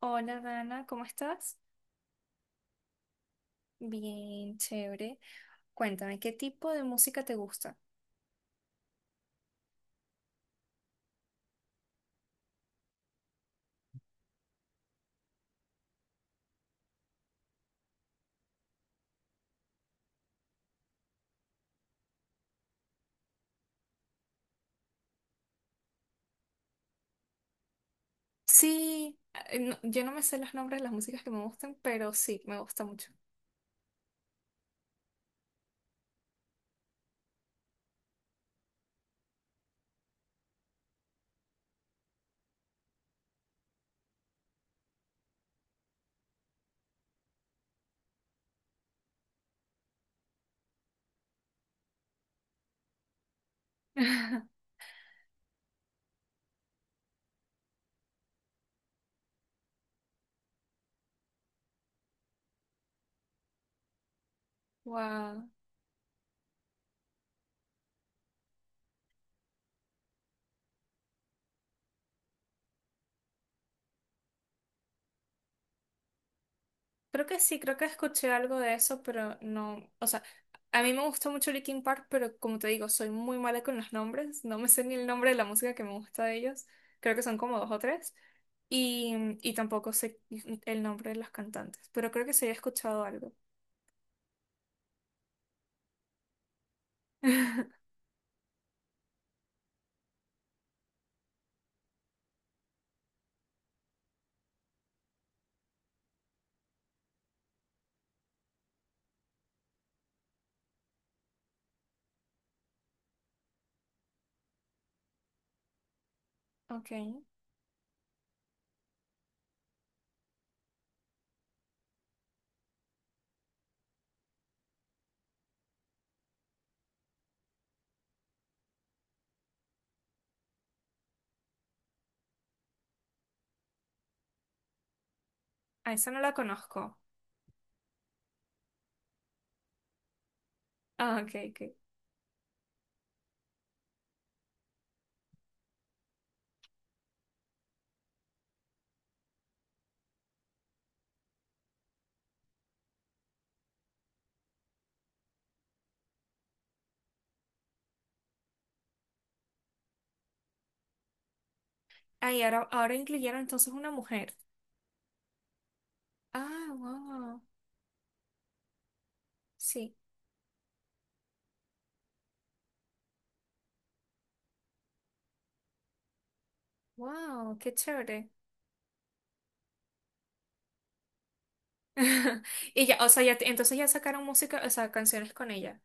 Hola Dana, ¿cómo estás? Bien, chévere. Cuéntame, ¿qué tipo de música te gusta? Sí, yo no me sé los nombres de las músicas que me gustan, pero sí, me gusta mucho. Wow. Creo que sí, creo que escuché algo de eso, pero no, o sea, a mí me gusta mucho Linkin Park, pero como te digo, soy muy mala con los nombres, no me sé ni el nombre de la música que me gusta de ellos, creo que son como dos o tres, y, y tampoco sé el nombre de los cantantes, pero creo que sí he escuchado algo. Ok. Ah, esa no la conozco. Ah, ok, ok. Ah, y ahora, ahora incluyeron entonces una mujer. Ah, wow. Sí. Wow, qué chévere. Y ya, o sea, ya, entonces ya sacaron música, o sea, canciones con ella.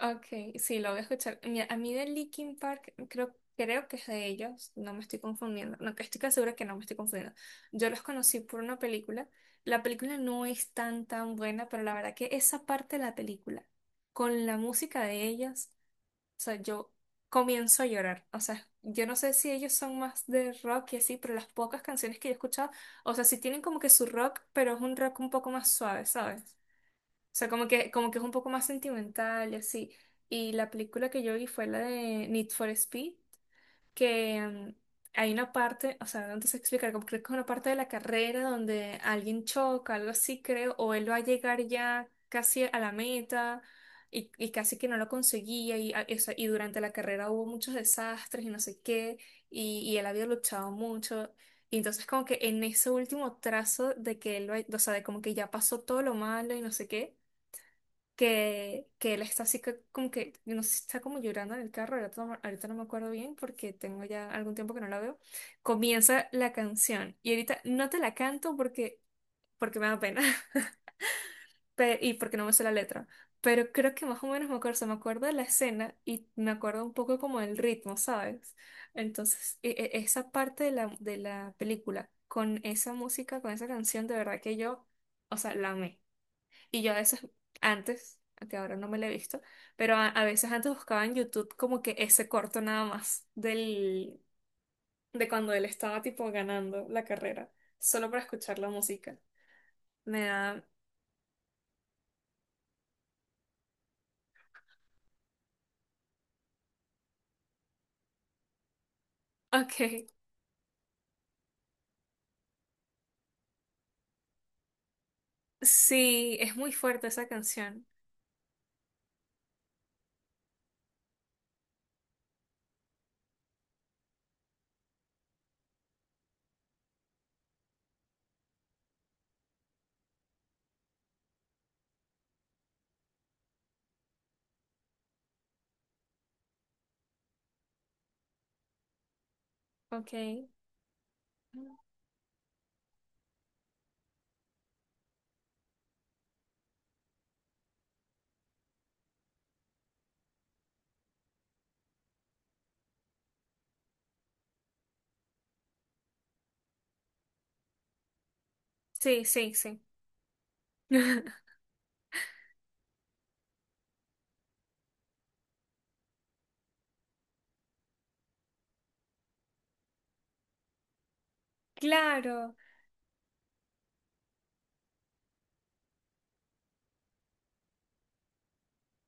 Ok, sí, lo voy a escuchar. Mira, a mí de Linkin Park, creo, creo que es de ellos, no me estoy confundiendo. No, que estoy casi segura que no me estoy confundiendo. Yo los conocí por una película. La película no es tan, tan buena, pero la verdad que esa parte de la película, con la música de ellos. O sea, yo comienzo a llorar. O sea, yo no sé si ellos son más de rock y así, pero las pocas canciones que yo he escuchado, o sea, sí tienen como que su rock, pero es un rock un poco más suave, ¿sabes? O sea, como que es un poco más sentimental y así. Y la película que yo vi fue la de Need for Speed que hay una parte, o sea, no te sé explicar, como creo que es una parte de la carrera donde alguien choca, algo así creo, o él va a llegar ya casi a la meta y casi que no lo conseguía y, o sea, y durante la carrera hubo muchos desastres y no sé qué, y él había luchado mucho. Y entonces como que en ese último trazo de que o sea, de como que ya pasó todo lo malo y no sé qué que él está así que, como que, yo no sé si está como llorando en el carro, ahorita no me acuerdo bien porque tengo ya algún tiempo que no la veo, comienza la canción y ahorita no te la canto porque, porque me da pena porque no me sé la letra, pero creo que más o menos me acuerdo, se me acuerdo de la escena y me acuerdo un poco como el ritmo, ¿sabes? Entonces, esa parte de de la película con esa música, con esa canción, de verdad que yo, o sea, la amé. Y yo a veces antes, que ahora no me la he visto, pero a veces antes buscaba en YouTube como que ese corto nada más del, de cuando él estaba tipo ganando la carrera, solo para escuchar la música. Me da... Ok, sí, es muy fuerte esa canción. Ok. Sí, sí, sí. Claro.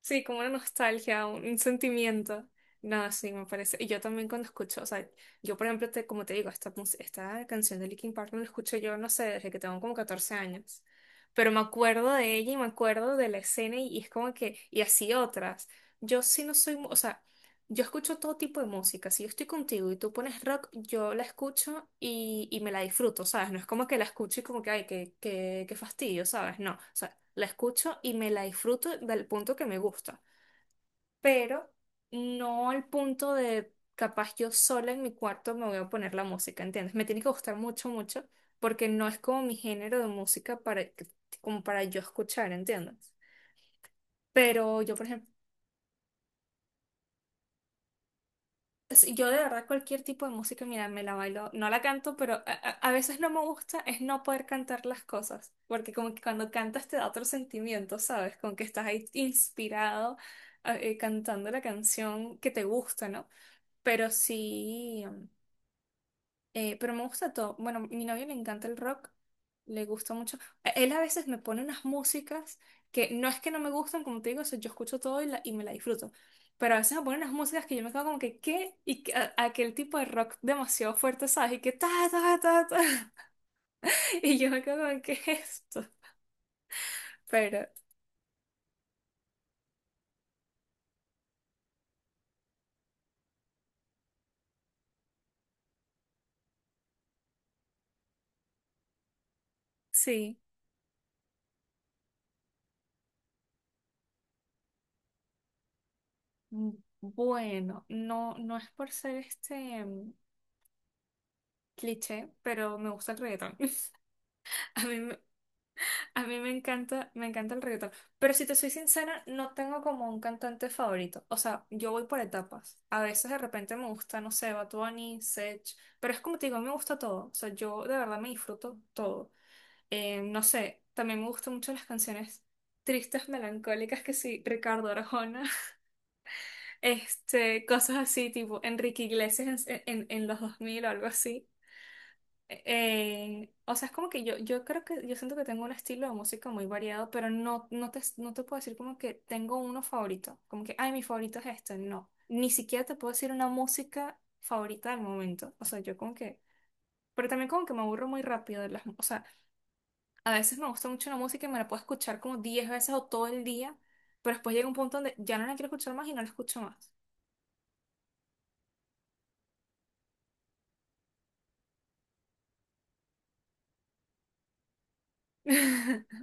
Sí, como una nostalgia, un sentimiento. No, sí, me parece. Y yo también cuando escucho, o sea, yo por ejemplo, te, como te digo, esta canción de Linkin Park no la escucho yo, no sé, desde que tengo como 14 años. Pero me acuerdo de ella y me acuerdo de la escena y es como que, y así otras. Yo sí no soy, mu- O sea, yo escucho todo tipo de música. Si yo estoy contigo y tú pones rock, yo la escucho y me la disfruto, ¿sabes? No es como que la escucho y como que, ay, qué fastidio, ¿sabes? No, o sea, la escucho y me la disfruto del punto que me gusta, pero no al punto de capaz yo sola en mi cuarto me voy a poner la música, ¿entiendes? Me tiene que gustar mucho, mucho, porque no es como mi género de música para, como para yo escuchar, ¿entiendes? Pero yo, por ejemplo, sí. Yo de verdad cualquier tipo de música, mira, me la bailo, no la canto, pero a veces no me gusta es no poder cantar las cosas, porque como que cuando cantas te da otro sentimiento, ¿sabes? Como que estás ahí inspirado cantando la canción que te gusta, ¿no? Pero sí. Pero me gusta todo. Bueno, a mi novio le encanta el rock, le gusta mucho. Él a veces me pone unas músicas que no es que no me gustan, como te digo, o sea, yo escucho todo y me la disfruto. Pero a veces me pone unas músicas que yo me quedo como que, ¿qué? Y aquel tipo de rock demasiado fuerte, ¿sabes? Y que ta, ta, ta, ta. Y yo me quedo como, ¿qué es esto? Pero sí. Mm, bueno, no, no es por ser cliché, pero me gusta el reggaetón. A mí me- A mí me encanta el reggaetón. Pero si te soy sincera, no tengo como un cantante favorito. O sea, yo voy por etapas. A veces de repente me gusta, no sé, Bad Bunny, Sech. Pero es como te digo, me gusta todo. O sea, yo de verdad me disfruto todo. No sé, también me gustan mucho las canciones tristes, melancólicas, que sí, Ricardo Arjona. Este, cosas así, tipo Enrique Iglesias en, en los 2000 o algo así. O sea, es como que yo creo que yo siento que tengo un estilo de música muy variado, pero no, no te puedo decir como que tengo uno favorito, como que, ay, mi favorito es este, no, ni siquiera te puedo decir una música favorita del momento, o sea, yo como que, pero también como que me aburro muy rápido de las, o sea, a veces me gusta mucho una música y me la puedo escuchar como 10 veces o todo el día, pero después llega un punto donde ya no la quiero escuchar más y no la escucho más.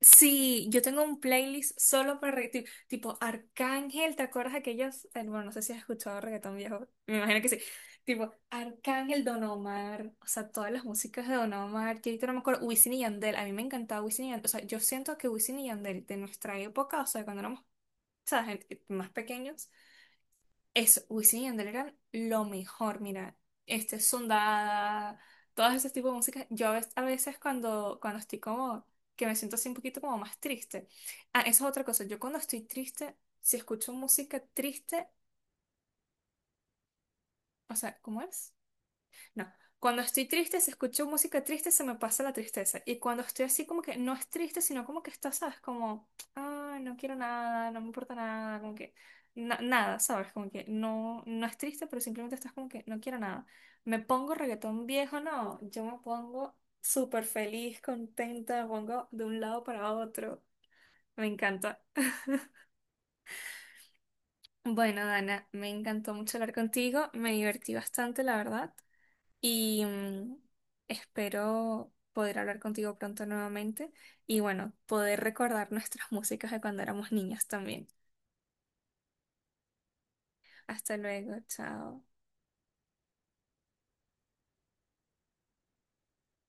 Sí, yo tengo un playlist solo para reggaetón, tipo Arcángel, ¿te acuerdas aquellos? Eh, bueno, no sé si has escuchado reggaetón viejo, me imagino que sí. Tipo Arcángel, Don Omar, o sea, todas las músicas de Don Omar, que ahorita no me acuerdo, Wisin y Yandel, a mí me encantaba Wisin y Yandel, o sea, yo siento que Wisin y Yandel de nuestra época, o sea, cuando éramos, ¿sabes? Más pequeños, eso, Wisin y Yandel eran lo mejor, mira, este Sundada, todos esos tipos de música. Yo a veces cuando estoy como, que me siento así un poquito como más triste. Ah, eso es otra cosa, yo cuando estoy triste, si escucho música triste, o sea, ¿cómo es? No. Cuando estoy triste, si escucho música triste, se me pasa la tristeza. Y cuando estoy así, como que no es triste, sino como que está, ¿sabes? Como, ah, no quiero nada, no me importa nada, como que nada, ¿sabes? Como que no, no es triste, pero simplemente estás como que no quiero nada. Me pongo reggaetón viejo, no. Yo me pongo súper feliz, contenta, me pongo de un lado para otro. Me encanta. Bueno, Dana, me encantó mucho hablar contigo. Me divertí bastante, la verdad. Y espero poder hablar contigo pronto nuevamente y bueno, poder recordar nuestras músicas de cuando éramos niños también. Hasta luego, chao.